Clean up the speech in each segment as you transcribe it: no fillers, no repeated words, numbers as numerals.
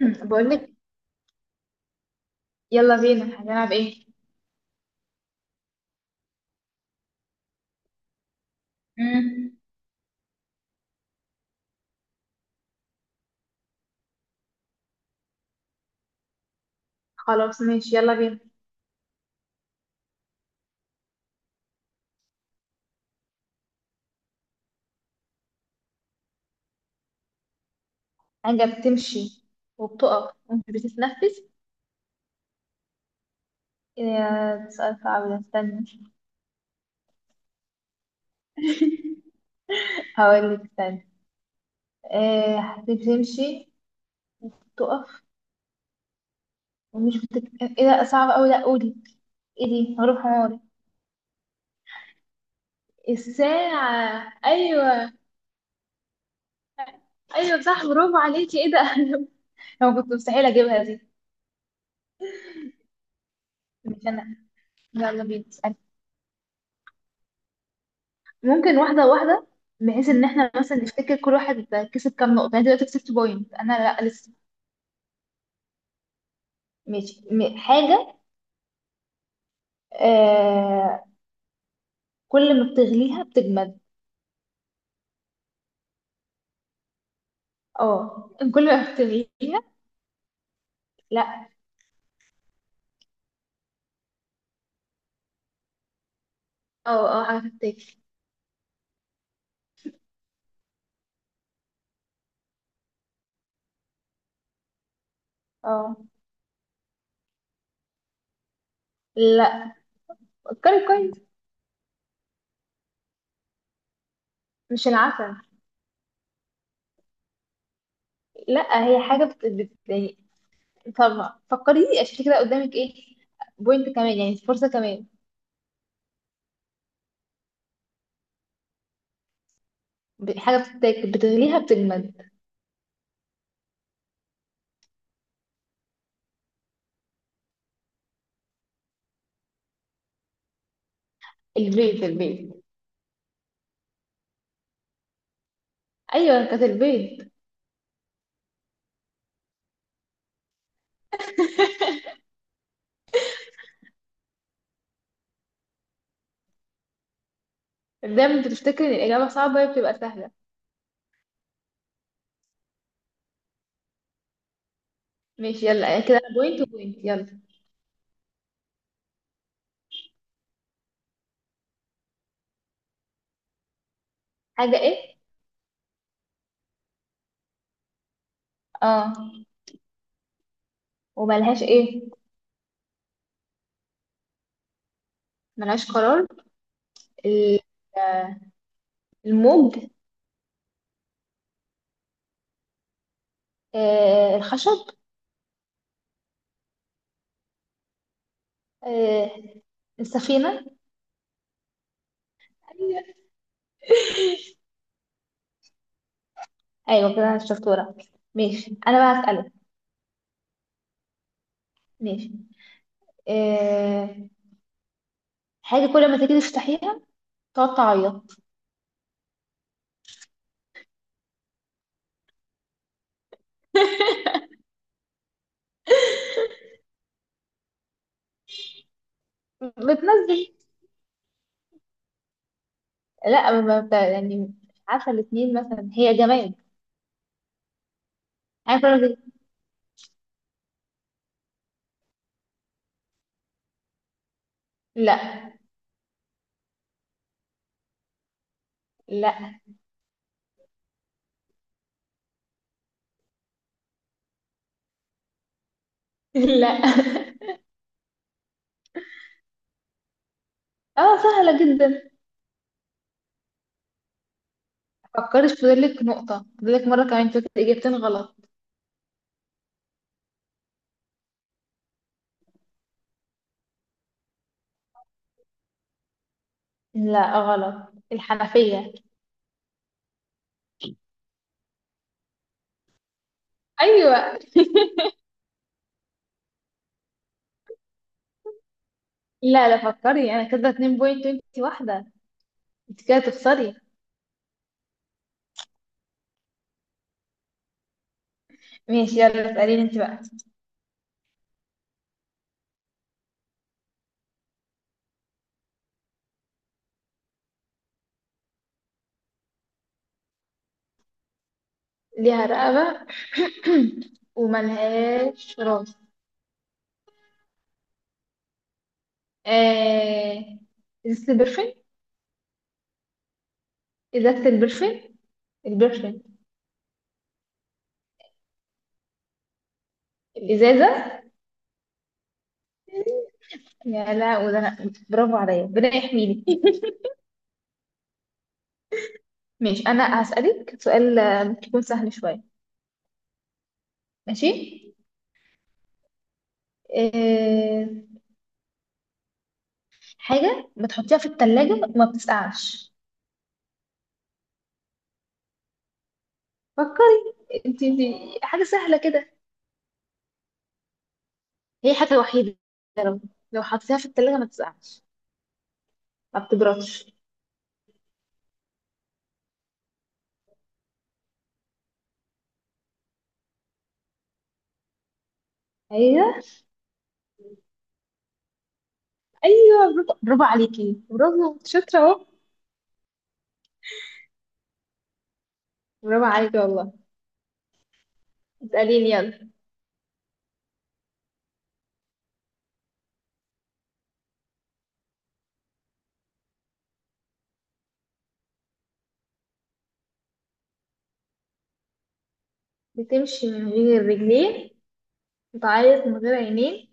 بقولك. يلا بينا، هنلعب ايه؟ امم خلاص ماشي، يلا بينا. حاجة بتمشي وبتقف ومش بتتنفس. إيه، يا سؤال صعب ده، استنى. هقولك استنى. آه، بتمشي وبتقف ومش ايه ده صعب اوي، لا قولي. ايه دي؟ هروح عمري. الساعة، ايوه. ايوه صح، برافو عليكي. ايه ده؟ انا كنت مستحيل اجيبها دي. مش انا، يلا بينا. ممكن واحدة واحدة، بحيث ان احنا مثلا نفتكر كل واحد كسب كام نقطة. يعني دلوقتي كسبت بوينت انا؟ لا لسه. ماشي. حاجة. آه. كل ما بتغليها بتجمد. اه. كل ما بتغليها. لا. اه اه، حاجة بتتاكل. اه. لا، فكري كويس، مش العسل. لا، هي حاجة يعني. طب فكري، عشان كده قدامك ايه؟ بوينت كمان، يعني فرصة كمان. حاجة بتتاكل، بتغليها بتجمد. البيض البيض، ايوه كانت البيض. دايما بتفتكر ان الاجابه صعبه، هي بتبقى سهله. ماشي يلا، يعني كده انا بوينت وبوينت، يلا. حاجه ايه؟ اه. وملهاش ايه؟ ملهاش قرار. ال- آه، الموج. آه الخشب. آه السفينه. ايوه. أيوة كده، انا شطوره. ماشي، انا بقى هسألك. ماشي. آه، حاجه كل ما تيجي تفتحيها تقعد تعيط. بتنزل. لا ما بت- يعني مش عارفه، الاثنين مثلا، هي جماد. حاجه كل ما تيجي. لا لا لا. اه سهلة جدا. فكري، في فاضلك نقطة، فاضلك مرة كمان تقولي إجابتين غلط. لا غلط، الحنفية. أيوة. لا لا، فكري، أنا كده اتنين بوينت وانت واحدة، انت كده تخسري. ماشي يلا، اسأليني انت بقى. ليها رقبة وملهاش راس. آه... إزازة البرفين. إزازة البرفين. البرفين. الإزازة. يا لا، وده برافو عليا، ربنا يحميني. ماشي، انا هسألك سؤال آه، ممكن يكون سهل شوية. ماشي. إيه... حاجة بتحطيها في التلاجة وما بتسقعش. فكري انت دي، حاجة سهلة كده. هي حاجة وحيدة. لو لو حطيتيها في التلاجة ما بتسقعش، ما بتبردش. ايوه ايوه، برافو برافو عليكي، برافو شاطرة اهو. برافو عليكي والله. اسأليني يلا. بتمشي من غير رجلين، بتعيط من غير عينين.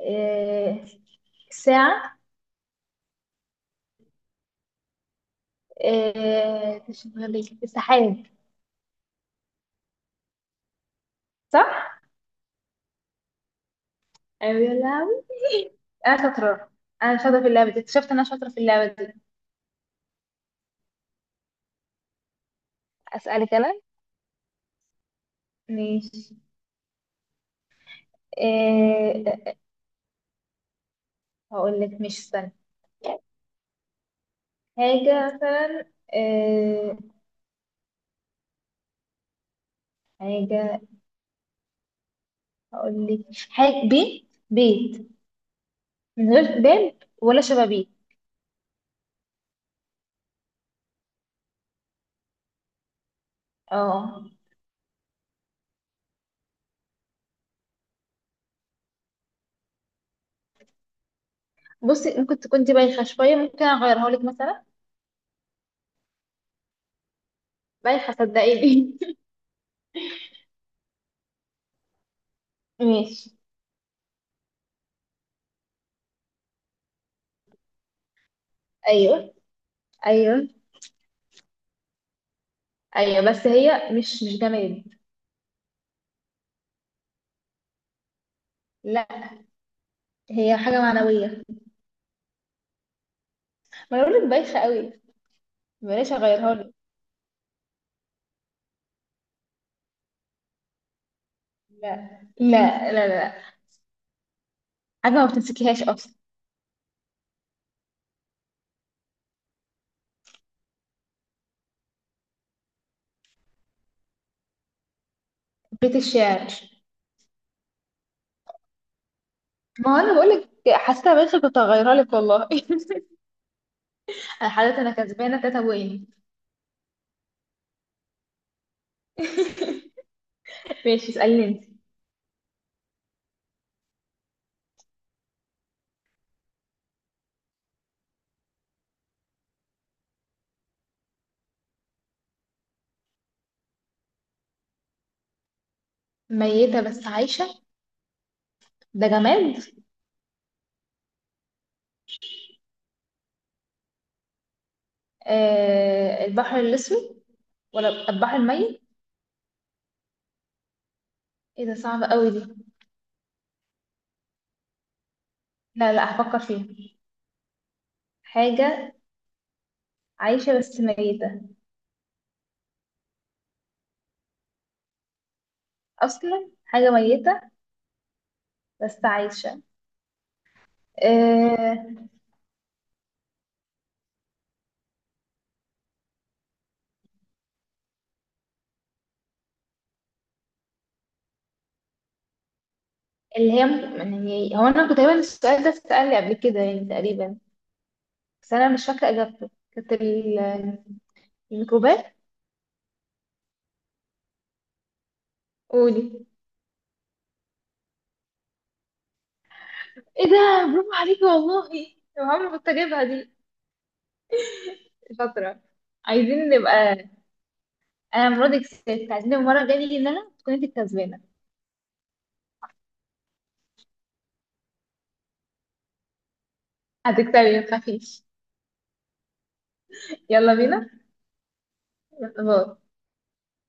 إيه... ساعة. آه، تشغلي السحاب، صح؟ أيوة يا لهوي، أنا شاطرة. أنا شاطرة في اللعبة دي، اكتشفت إن أنا شاطرة في اللعبة دي. أسألك أنا؟ ماشي. آه، هقول لك، مش استنى. حاجة مثلا. آه، حاجة. هقول لك حاجة، بيت بيت من غير باب ولا شبابيك. اه. بصي، ممكن تكون دي بايخة شوية، ممكن أغيرها لك مثلا. بايخة صدقيني. ماشي. أيوه. أيوه. ايوه بس هي مش جماد. لا هي حاجه معنويه، ما انا بقولك بايخه قوي. بلاش اغيرها لك. لا لا لا لا. حاجه ما بتمسكيهاش اصلا. بيت الشعر. ما هو انا بقولك، حاسه بايخه، كنت هغيرها لك والله. انا حضرتك انا كسبانه تاتا وين. ماشي اسالني انت. ميته بس عايشه؟ ده جماد. آه البحر الاسود. ولا البحر الميت. ايه ده؟ صعب قوي دي. لا لا، هفكر فيها. حاجه عايشه بس ميته. اصلا حاجه ميته بس عايشة. آه، اللي هي، يعني هو أنا كنت تقريبا السؤال ده اتسأل لي قبل كده يعني تقريبا، بس أنا مش فاكرة إجابته، كانت الميكروبات. قولي. إيه ده؟ برافو عليكي والله. يا عمري كنت أجيبها دي. شاطرة. عايزين نبقى، أنا المرة دي كسبت، عايزين المرة الجاية نيجي إن أنا تكون أنت الكسبانة. هتكسبي، متخافيش. يلا بينا. باي.